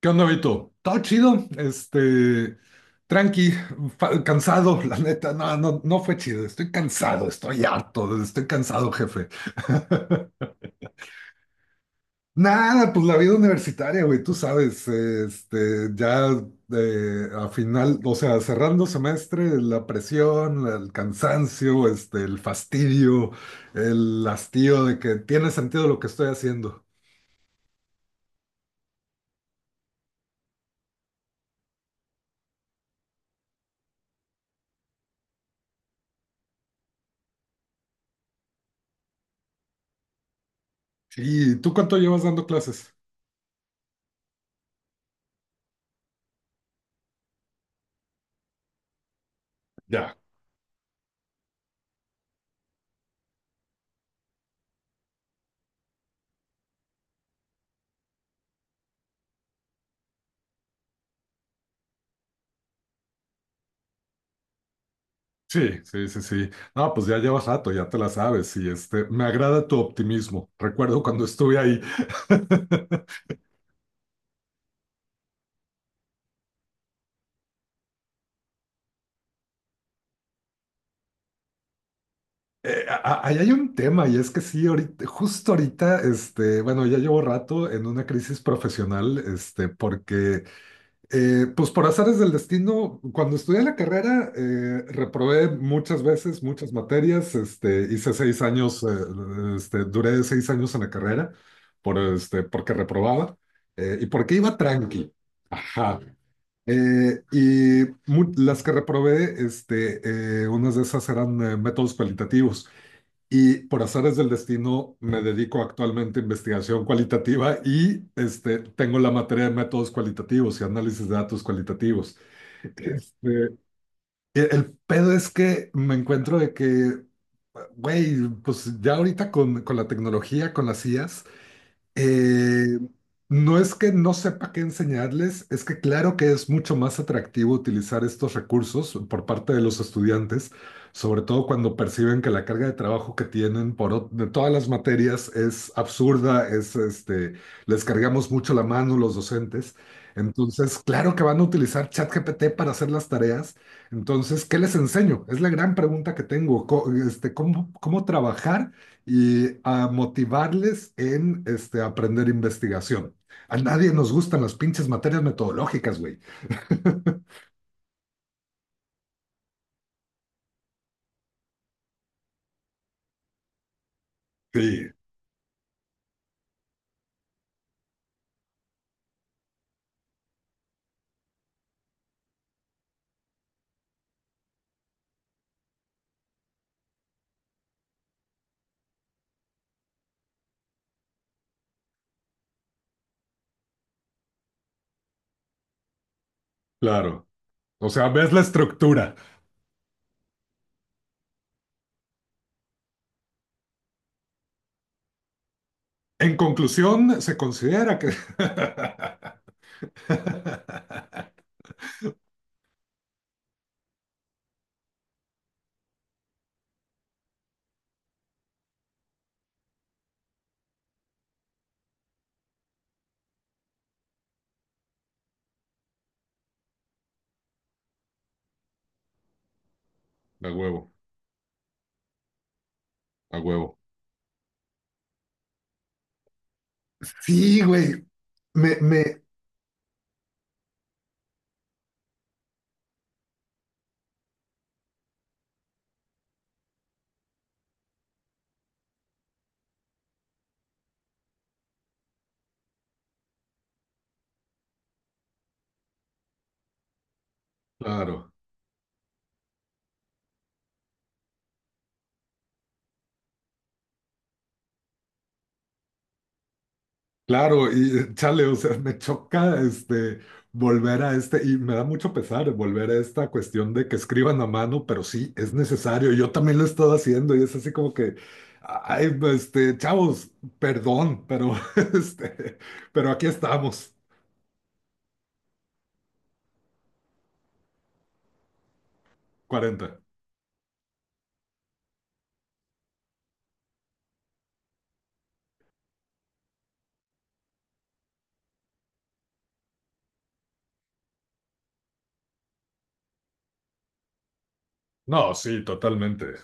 ¿Qué onda, Vito? Todo chido, tranqui, cansado, la neta, no, no, no fue chido, estoy cansado, estoy harto, estoy cansado, jefe. Nada, pues la vida universitaria, güey, tú sabes, ya a final, o sea, cerrando semestre, la presión, el cansancio, el fastidio, el hastío de que tiene sentido lo que estoy haciendo. ¿Y tú cuánto llevas dando clases? Sí, sí, sí, sí. No, pues ya llevas rato, ya te la sabes. Y me agrada tu optimismo. Recuerdo cuando estuve ahí. Eh, a- ahí hay un tema, y es que sí, justo ahorita, bueno, ya llevo rato en una crisis profesional, porque, pues por azares del destino, cuando estudié la carrera, reprobé muchas veces, muchas materias, hice 6 años, duré 6 años en la carrera, porque reprobaba, y porque iba tranqui. Ajá. Las que reprobé, unas de esas eran métodos cualitativos. Y por azares del destino me dedico actualmente a investigación cualitativa y, tengo la materia de métodos cualitativos y análisis de datos cualitativos. Este, el pedo es que me encuentro de que, güey, pues ya ahorita con la tecnología, con las IAs, eh, no es que no sepa qué enseñarles, es que claro que es mucho más atractivo utilizar estos recursos por parte de los estudiantes, sobre todo cuando perciben que la carga de trabajo que tienen de todas las materias es absurda, es, les cargamos mucho la mano los docentes. Entonces, claro que van a utilizar ChatGPT para hacer las tareas. Entonces, ¿qué les enseño? Es la gran pregunta que tengo. ¿Cómo trabajar y a motivarles en, aprender investigación? A nadie nos gustan las pinches materias metodológicas, güey. Sí, claro. O sea, ves la estructura. En conclusión, se considera que… A huevo, a huevo. Sí, güey. Me, me, claro. Claro, y chale, o sea, me choca, volver y me da mucho pesar volver a esta cuestión de que escriban a mano, pero sí, es necesario. Yo también lo he estado haciendo, y es así como que, ay, pues, chavos, perdón, pero este, pero aquí estamos. 40. No, sí, totalmente.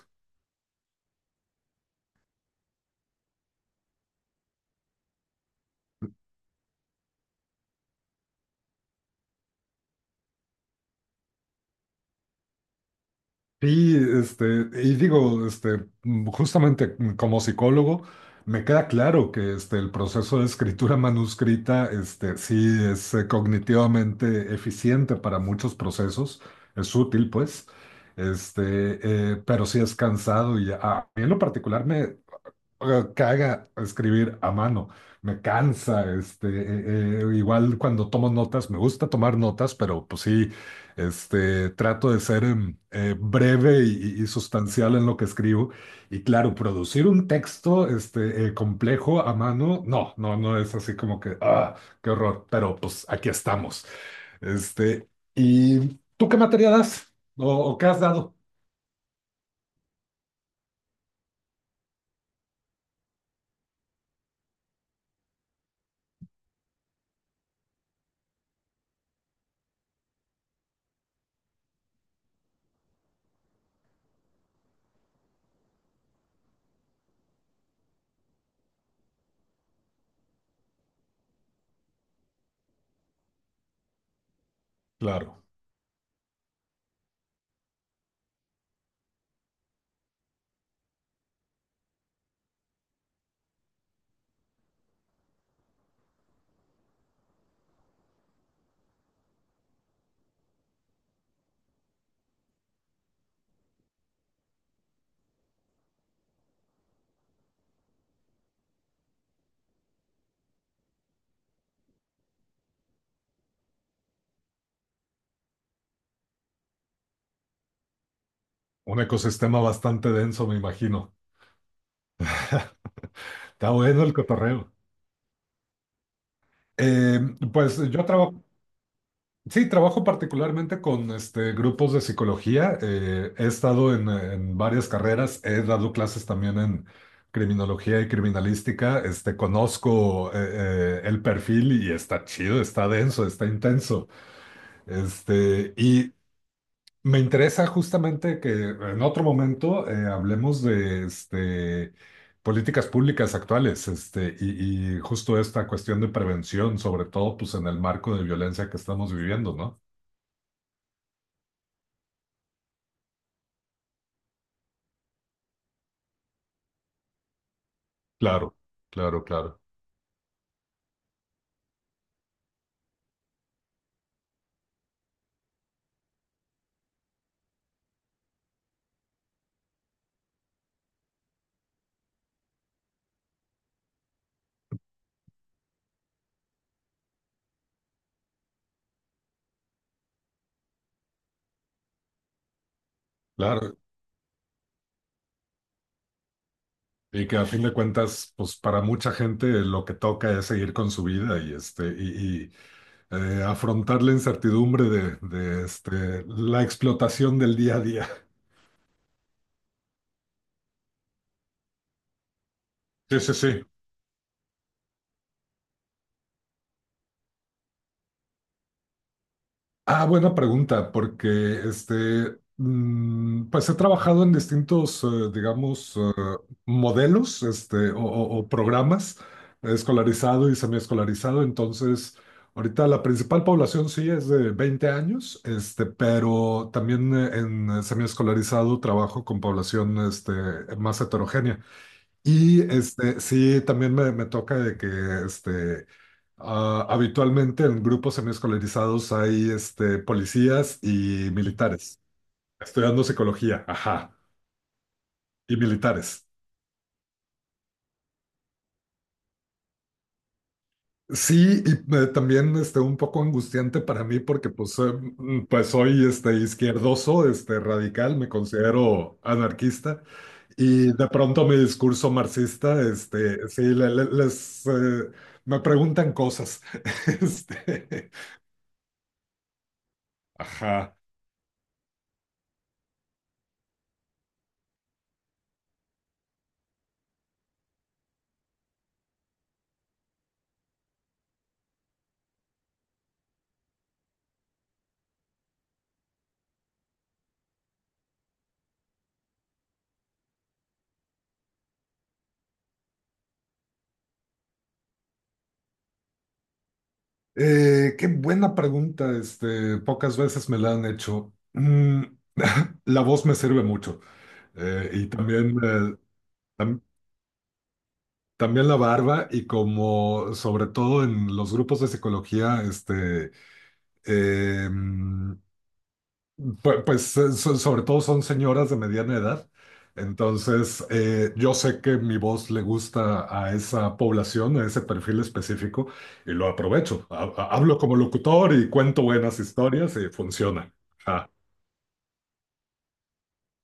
Sí, y digo, justamente, como psicólogo, me queda claro que, el proceso de escritura manuscrita, sí es cognitivamente eficiente para muchos procesos, es útil, pues, pero sí es cansado y a mí en lo particular me caga escribir a mano, me cansa, igual cuando tomo notas, me gusta tomar notas, pero pues sí, trato de ser breve y sustancial en lo que escribo. Y claro, producir un texto, complejo a mano, no, no, no es así como que, ah, qué horror, pero pues aquí estamos. Este, ¿y tú qué materia das? ¿O qué has dado? Claro, un ecosistema bastante denso, me imagino. Está bueno el cotorreo. Eh, pues yo trabajo, sí, trabajo particularmente con, grupos de psicología. He estado en varias carreras, he dado clases también en criminología y criminalística. Conozco el perfil y está chido, está denso, está intenso. Este, y Me interesa justamente que en otro momento hablemos de, políticas públicas actuales, y justo esta cuestión de prevención, sobre todo pues en el marco de violencia que estamos viviendo, ¿no? Claro, claro, claro, claro. Y que a fin de cuentas, pues para mucha gente lo que toca es seguir con su vida y, afrontar la incertidumbre de la explotación del día a día. Sí, sí, sí. Ah, buena pregunta, porque pues he trabajado en distintos, digamos, modelos, o programas, escolarizado y semiescolarizado. Entonces, ahorita la principal población sí es de 20 años, pero también en, semiescolarizado trabajo con población, más heterogénea. Y, sí, también me toca de que, este, ah, habitualmente en grupos semiescolarizados hay, policías y militares, estudiando psicología, ajá, y militares. Sí, y también, un poco angustiante para mí porque pues soy, izquierdoso, radical, me considero anarquista, y de pronto mi discurso marxista, sí, me preguntan cosas. Este, Ajá. Qué buena pregunta, pocas veces me la han hecho. La voz me sirve mucho. Y también, tam- también la barba, y como sobre todo en los grupos de psicología, em, sobre todo son señoras de mediana edad, entonces yo sé que mi voz le gusta a esa población, a ese perfil específico, y lo aprovecho. Hablo como locutor y cuento buenas historias, y funciona. Ajá.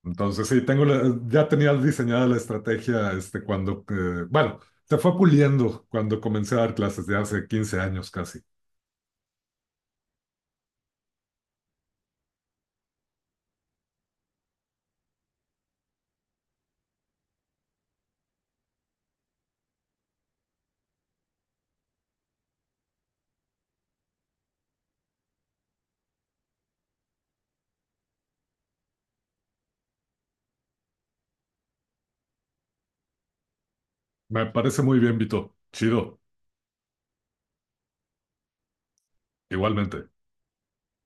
Entonces sí, tengo ya tenía diseñada la estrategia, cuando, bueno, se fue puliendo cuando comencé a dar clases de hace 15 años casi. Me parece muy bien, Vito. Chido, igualmente.